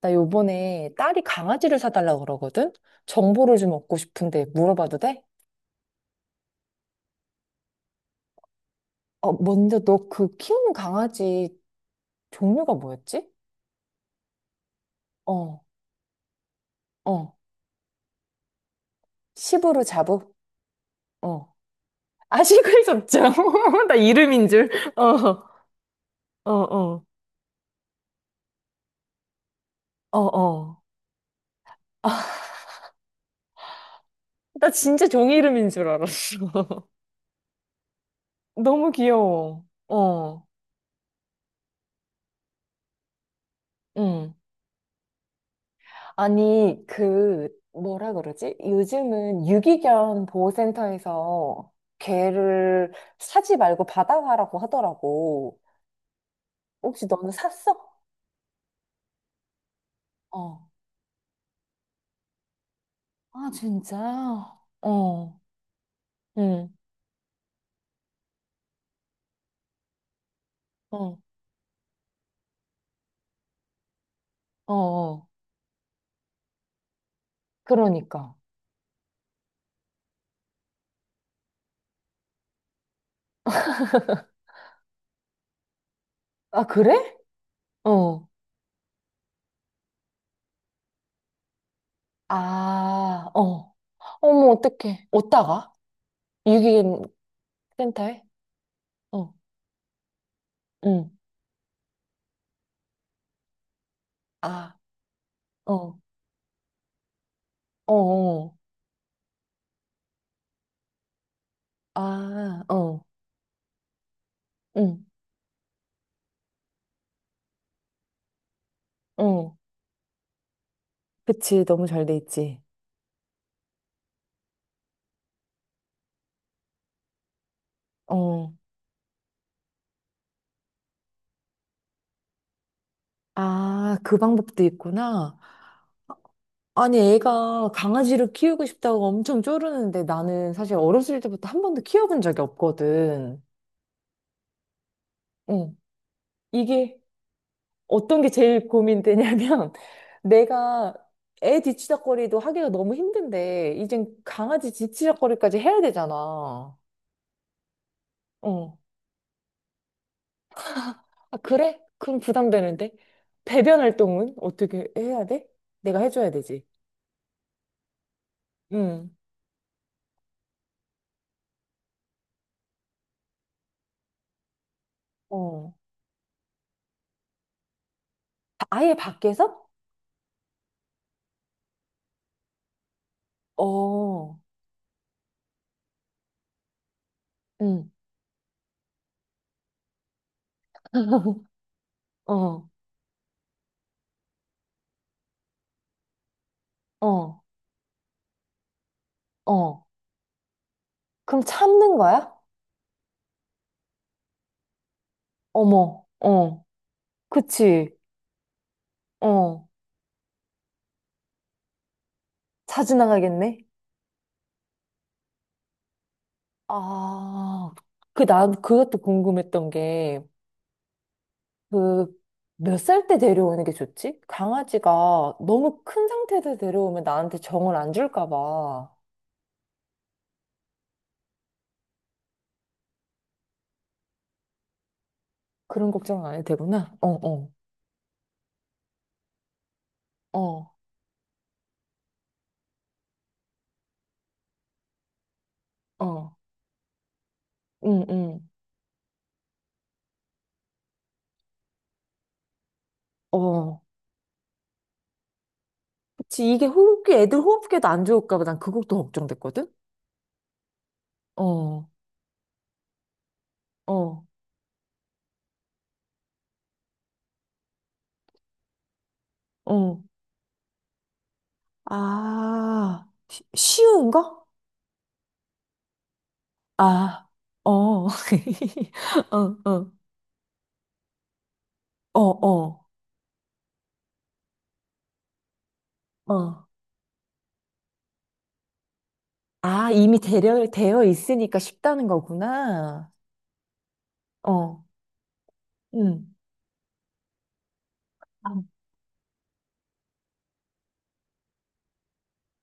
나 요번에 딸이 강아지를 사달라고 그러거든? 정보를 좀 얻고 싶은데 물어봐도 돼? 어, 먼저 너 그 키우는 강아지 종류가 뭐였지? 어, 어. 시부르 자부? 어. 아, 시골 잡죠. 나 이름인 줄. 어, 어, 어, 어, 어. 나 진짜 종이 이름인 줄 알았어. 너무 귀여워. 어, 응. 아니, 그, 뭐라 그러지? 요즘은 유기견 보호센터에서 개를 사지 말고 받아가라고 하더라고. 혹시 너는 샀어? 어. 아, 진짜? 어. 응. 어. 어. 어. 그러니까. 아, 그래? 어. 아, 어. 어머, 어떡해. 어디다가? 유기견 센터에? 어. 응. 아, 어. 어. 어. 아, 어. 응. 어. 그치, 너무 잘 돼 있지. 어. 아, 그 방법도 있구나. 아니, 애가 강아지를 키우고 싶다고 엄청 쪼르는데 나는 사실 어렸을 때부터 한 번도 키워본 적이 없거든. 응. 이게 어떤 게 제일 고민되냐면 내가 애 뒤치다꺼리도 하기가 너무 힘든데 이젠 강아지 뒤치다꺼리까지 해야 되잖아. 어. 아, 그래? 그럼 부담되는데? 배변 활동은 어떻게 해야 돼? 내가 해줘야 되지. 응. 어. 아예 밖에서? 어, 응. 어, 어, 어. 그럼 참는 거야? 어머, 어. 그치. 어. 자주 나가겠네? 아, 그, 난 그것도 궁금했던 게, 그, 몇 살 때 데려오는 게 좋지? 강아지가 너무 큰 상태에서 데려오면 나한테 정을 안 줄까 봐. 그런 걱정 안 해도 되구나. 어, 어, 어, 어, 응, 응, 어. 지 이게 호흡기, 애들 호흡기에도 안 좋을까 봐 난 그것도 걱정됐거든? 어, 어, 어. 아, 쉬운 거? 아, 어. 어, 어, 어, 어, 어. 아, 이미 되어 있으니까 쉽다는 거구나. 어, 응. 아,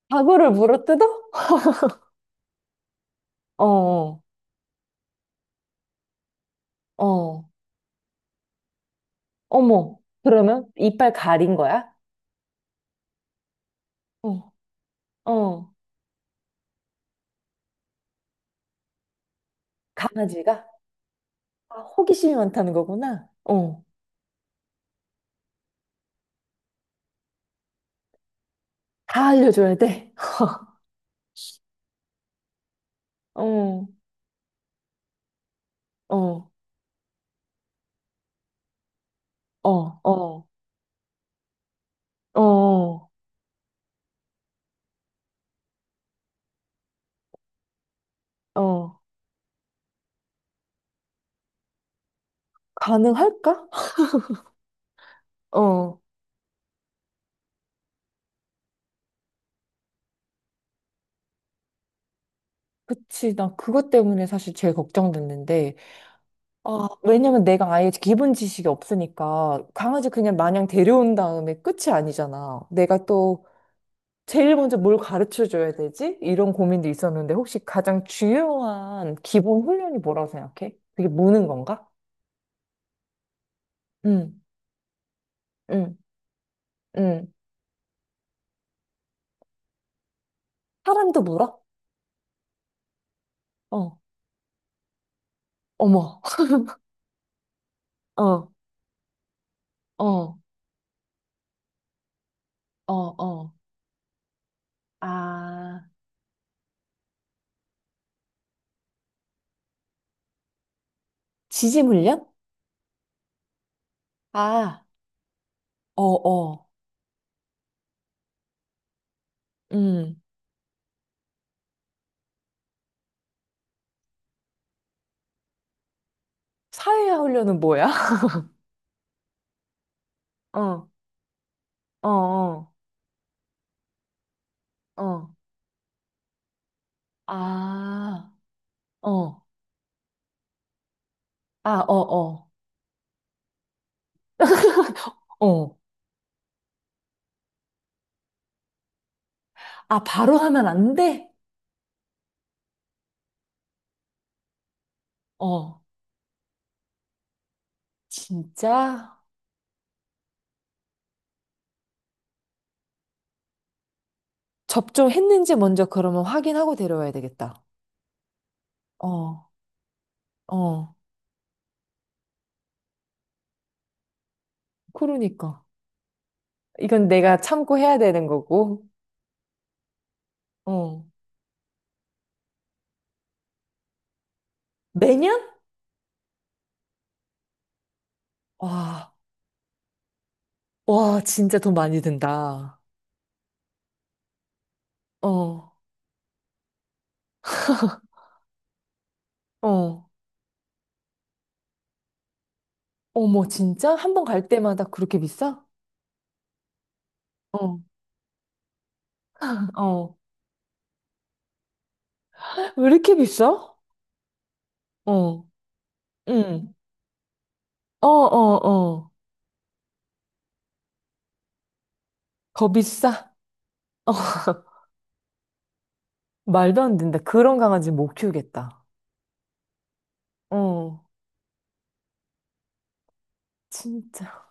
사고를 물어뜯어? 어, 어, 어. 어머. 그러면 이빨 가린 거야? 어, 어. 강아지가? 아, 호기심이 많다는 거구나. 어. 다 알려줘야 돼. 어, 어, 어, 어, 어, 어. 가능할까? 어. 그치. 나 그것 때문에 사실 제일 걱정됐는데. 아, 왜냐면 내가 아예 기본 지식이 없으니까 강아지 그냥 마냥 데려온 다음에 끝이 아니잖아. 내가 또 제일 먼저 뭘 가르쳐 줘야 되지? 이런 고민도 있었는데 혹시 가장 중요한 기본 훈련이 뭐라고 생각해? 그게 무는 건가? 응, 응, 응. 사람도 물어? 어, 어머. 어. 어, 어, 어. 아, 지질 훈련? 아, 어, 어. 음. 사회화 훈련은 뭐야? 어, 어, 어, 어, 아, 어. 아, 어, 어. 어. 아, 바로 하면 안 돼? 어. 진짜? 접종했는지 먼저 그러면 확인하고 데려와야 되겠다. 어, 어. 그러니까. 이건 내가 참고 해야 되는 거고. 어. 매년? 와, 와, 진짜 돈 많이 든다. 어. 어. 어머, 진짜? 한 번 갈 때마다 그렇게 비싸? 어, 어. 왜 이렇게 비싸? 어, 응. 어, 어, 어. 더 비싸? 어, 말도 안 된다. 그런 강아지 못 키우겠다. 어, 진짜.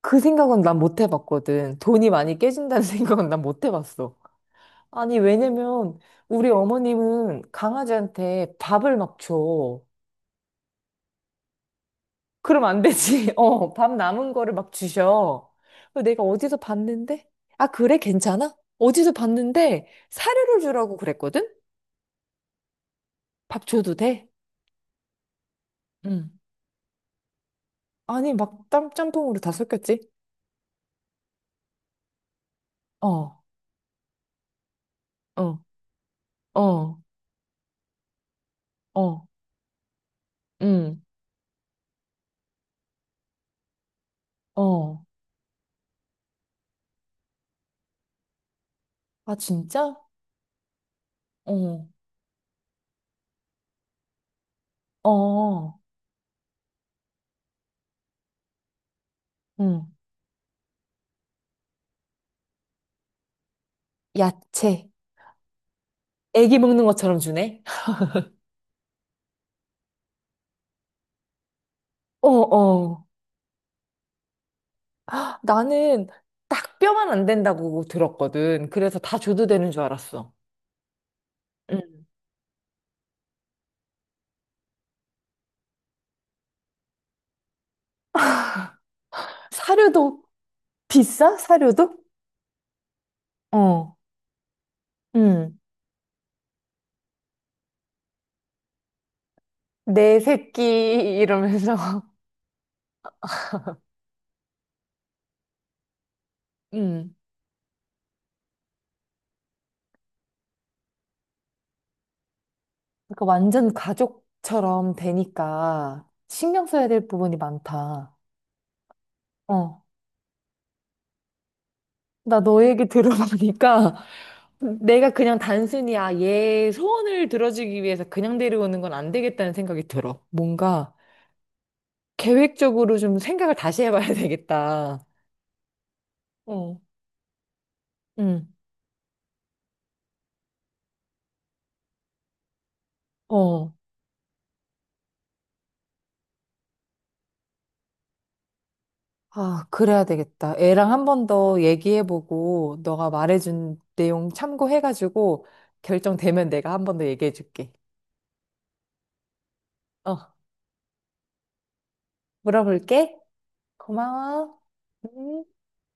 그 생각은 난 못 해봤거든. 돈이 많이 깨진다는 생각은 난 못 해봤어. 아니, 왜냐면 우리 어머님은 강아지한테 밥을 막 줘. 그럼 안 되지. 어, 밥 남은 거를 막 주셔. 그래서 내가 어디서 봤는데? 아, 그래? 괜찮아? 어디서 봤는데 사료를 주라고 그랬거든? 밥 줘도 돼? 응. 아니, 막 짬뽕으로 다 섞였지? 어, 어, 어, 어, 응, 어. 아, 진짜? 어, 어, 응. 야채. 애기 먹는 것처럼 주네? 어, 어. 아, 나는 딱 뼈만 안 된다고 들었거든. 그래서 다 줘도 되는 줄 알았어. 응. 사료도 비싸? 사료도? 어, 응. 내 새끼 이러면서 음. 그러니까 완전 가족처럼 되니까 신경 써야 될 부분이 많다. 어. 나 너 얘기 들어보니까 내가 그냥 단순히 아, 얘 소원을 들어주기 위해서 그냥 데려오는 건 안 되겠다는 생각이 들어. 뭔가 계획적으로 좀 생각을 다시 해봐야 되겠다. 어. 응. 어. 아, 그래야 되겠다. 애랑 한 번 더 얘기해보고, 너가 말해준 내용 참고해가지고, 결정되면 내가 한 번 더 얘기해줄게. 어, 물어볼게. 고마워. 음.